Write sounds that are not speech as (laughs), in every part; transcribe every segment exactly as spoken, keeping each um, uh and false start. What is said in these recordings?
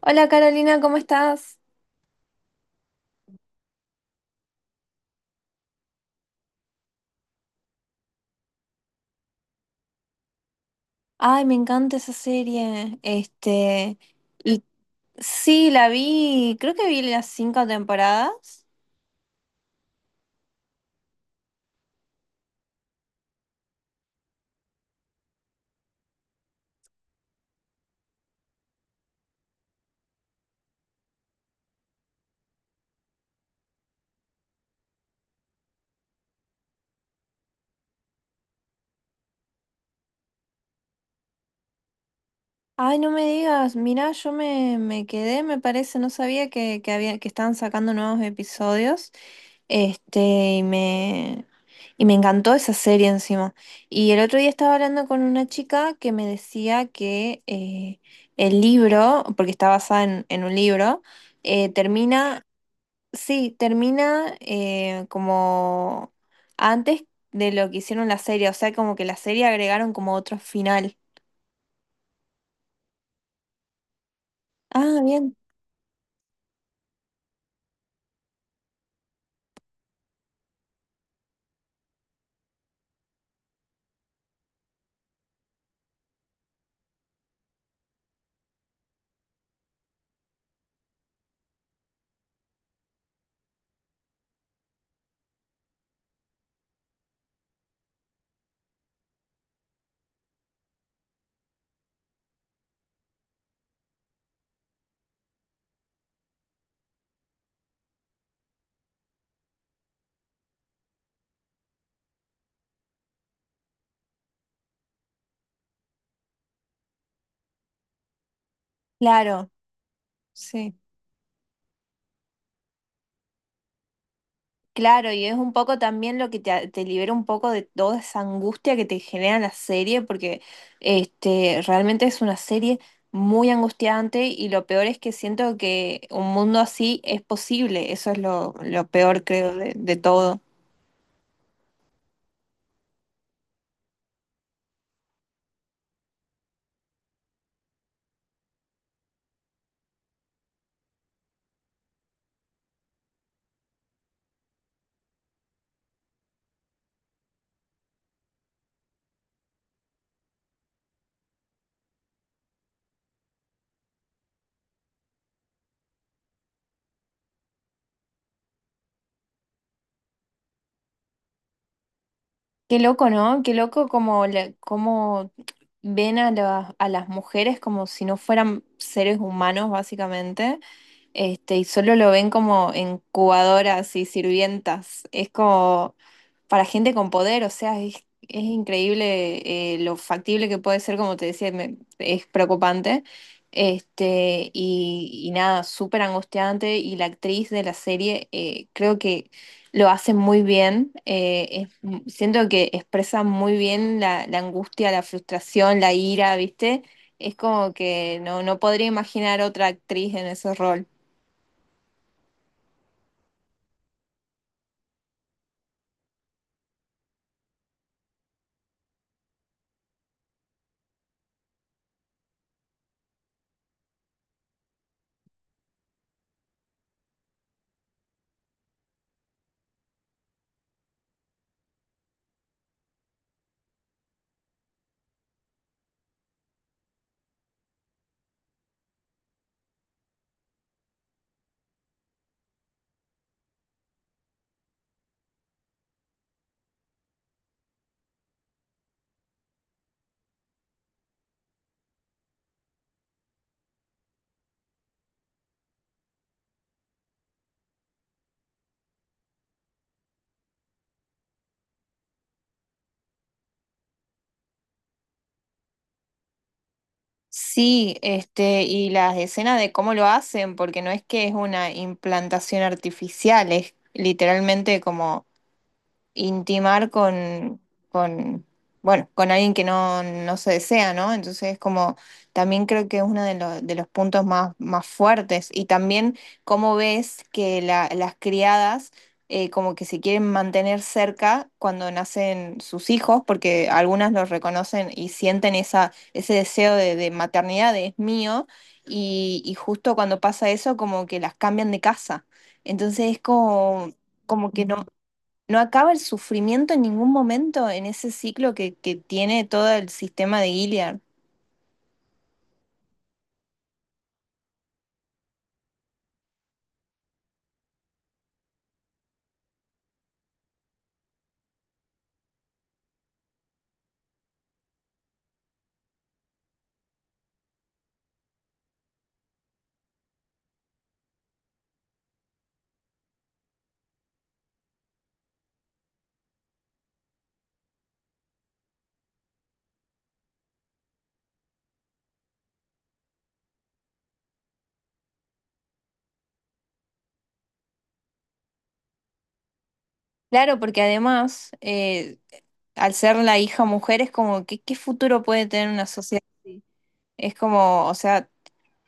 Hola Carolina, ¿cómo estás? Ay, me encanta esa serie. Este, y sí, la vi, creo que vi las cinco temporadas. Ay, no me digas, mirá, yo me, me quedé, me parece, no sabía que, que había, que estaban sacando nuevos episodios. Este, y me, y me encantó esa serie encima. Y el otro día estaba hablando con una chica que me decía que eh, el libro, porque está basada en, en un libro, eh, termina. Sí, termina, eh, como antes de lo que hicieron la serie, o sea, como que la serie agregaron como otro final. Ah, bien, claro, sí. Claro, y es un poco también lo que te, te libera un poco de toda esa angustia que te genera la serie, porque este, realmente es una serie muy angustiante, y lo peor es que siento que un mundo así es posible. Eso es lo, lo peor, creo, de, de todo. Qué loco, ¿no? Qué loco como, la- como ven a, la- a las mujeres como si no fueran seres humanos, básicamente. Este, y solo lo ven como incubadoras y sirvientas. Es como para gente con poder, o sea, es, es increíble eh, lo factible que puede ser, como te decía, me- es preocupante. Este, y, y nada, súper angustiante. Y la actriz de la serie, eh, creo que lo hace muy bien. Eh, es m- siento que expresa muy bien la, la angustia, la frustración, la ira, ¿viste? Es como que no, no podría imaginar otra actriz en ese rol. Sí, este, y las escenas de cómo lo hacen, porque no es que es una implantación artificial, es literalmente como intimar con, con, bueno, con alguien que no, no se desea, ¿no? Entonces, como también creo que es uno de los, de los puntos más, más fuertes. Y también cómo ves que la- las criadas, eh, como que se quieren mantener cerca cuando nacen sus hijos, porque algunas los reconocen y sienten esa, ese deseo de, de maternidad, de es mío, y, y justo cuando pasa eso, como que las cambian de casa. Entonces es como, como que no, no acaba el sufrimiento en ningún momento en ese ciclo que, que tiene todo el sistema de Gilead. Claro, porque además, eh, al ser la hija mujer, es como, ¿qué, qué futuro puede tener una sociedad así? Es como, o sea,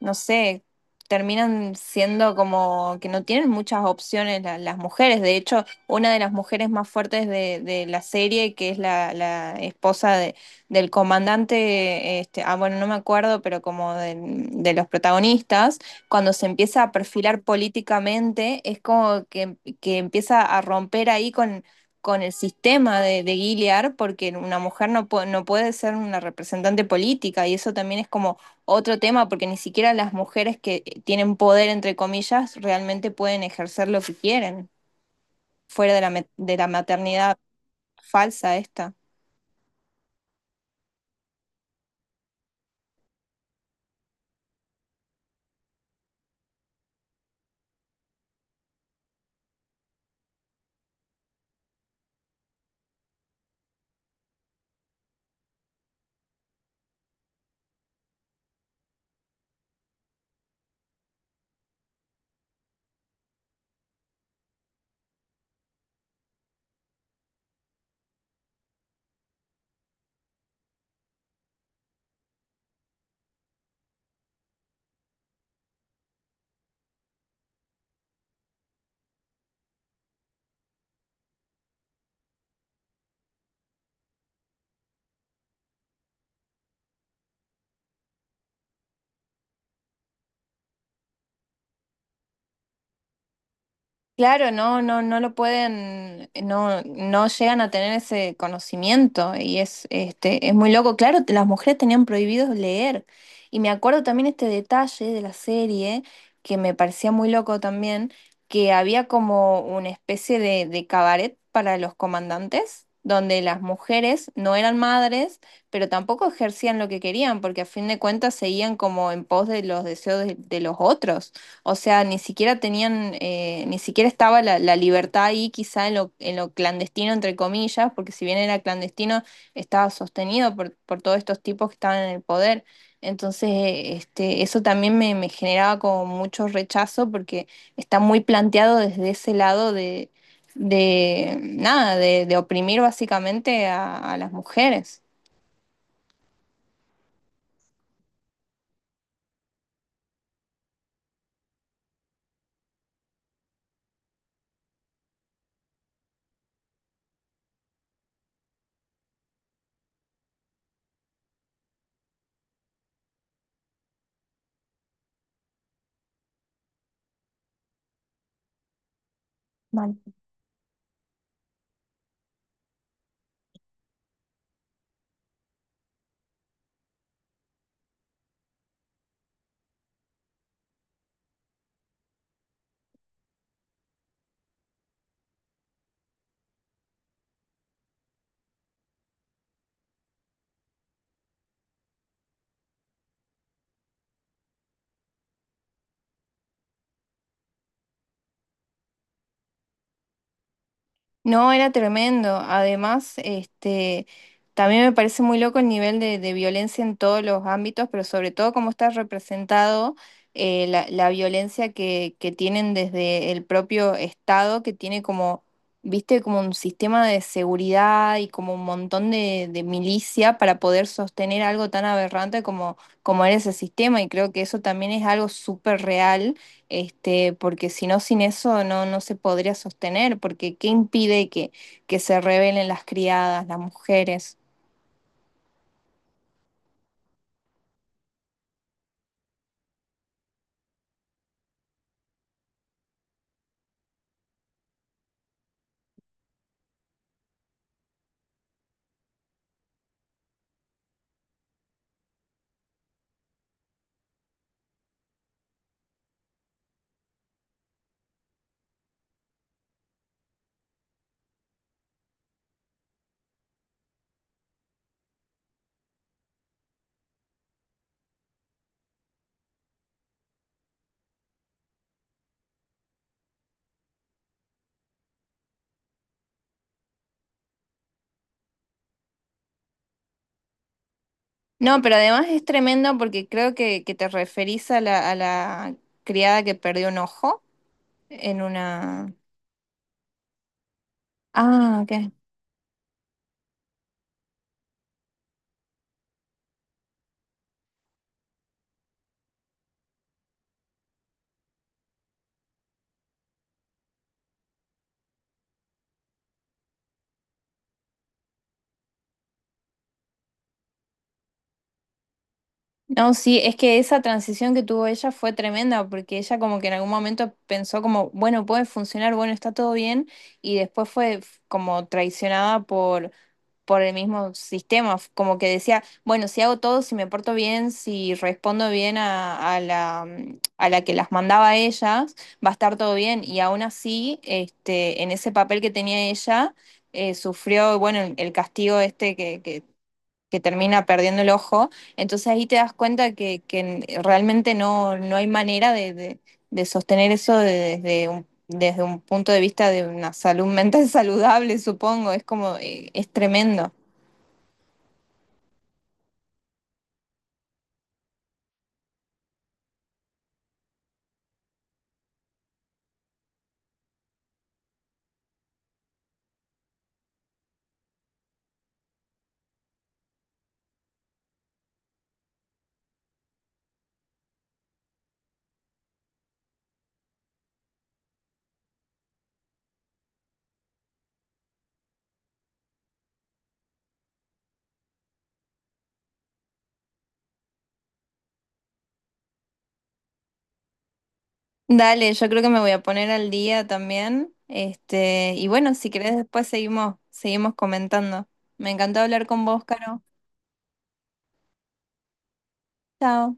no sé, terminan siendo como que no tienen muchas opciones la- las mujeres. De hecho, una de las mujeres más fuertes de, de la serie, que es la, la esposa de- del comandante, este, ah, bueno, no me acuerdo, pero como del- de, los protagonistas, cuando se empieza a perfilar políticamente, es como que, que empieza a romper ahí con... con el sistema de, de Gilead, porque una mujer no, pu- no puede ser una representante política. Y eso también es como otro tema, porque ni siquiera las mujeres que tienen poder, entre comillas, realmente pueden ejercer lo que quieren fuera de la, ma- de la maternidad falsa esta. Claro, no, no, no lo pueden, no, no llegan a tener ese conocimiento, y es, este, es muy loco. Claro, las mujeres tenían prohibido leer. Y me acuerdo también este detalle de la serie, que me parecía muy loco también, que había como una especie de, de cabaret para los comandantes, donde las mujeres no eran madres, pero tampoco ejercían lo que querían, porque a fin de cuentas seguían como en pos de los deseos de de los otros. O sea, ni siquiera tenían, eh, ni siquiera estaba la, la libertad ahí, quizá en lo, en lo clandestino, entre comillas, porque si bien era clandestino, estaba sostenido por, por todos estos tipos que estaban en el poder. Entonces, eh, este, eso también me, me generaba como mucho rechazo, porque está muy planteado desde ese lado de, de nada, de, de oprimir básicamente a, a las mujeres. No, era tremendo. Además, este, también me parece muy loco el nivel de, de violencia en todos los ámbitos, pero sobre todo cómo está representado, eh, la, la violencia que, que tienen desde el propio Estado, que tiene como, viste, como un sistema de seguridad y como un montón de, de milicia para poder sostener algo tan aberrante como, como era ese sistema. Y creo que eso también es algo súper real, este, porque si no, sin eso no, no se podría sostener, porque ¿qué impide que, que se rebelen las criadas, las mujeres? No, pero además es tremendo porque creo que, que te referís a la, a la criada que perdió un ojo en una... Ah, ok. No, sí, es que esa transición que tuvo ella fue tremenda, porque ella como que en algún momento pensó como, bueno, puede funcionar, bueno, está todo bien. Y después fue f- como traicionada por por el mismo sistema. F- como que decía, bueno, si hago todo, si me porto bien, si respondo bien a, a la, mm, a la que las mandaba a ellas, va a estar todo bien. Y aún así, este, en ese papel que tenía ella, eh, sufrió, bueno, el, el castigo este que, que, que termina perdiendo el ojo. Entonces ahí te das cuenta que, que n- realmente no, no hay manera de, de- de sostener eso de- desde un... desde un punto de vista de una salud mental (laughs) saludable, supongo, es como, eh, es tremendo. Dale, yo creo que me voy a poner al día también. Este, y bueno, si querés después seguimos, seguimos, comentando. Me encantó hablar con vos, Caro. Chao.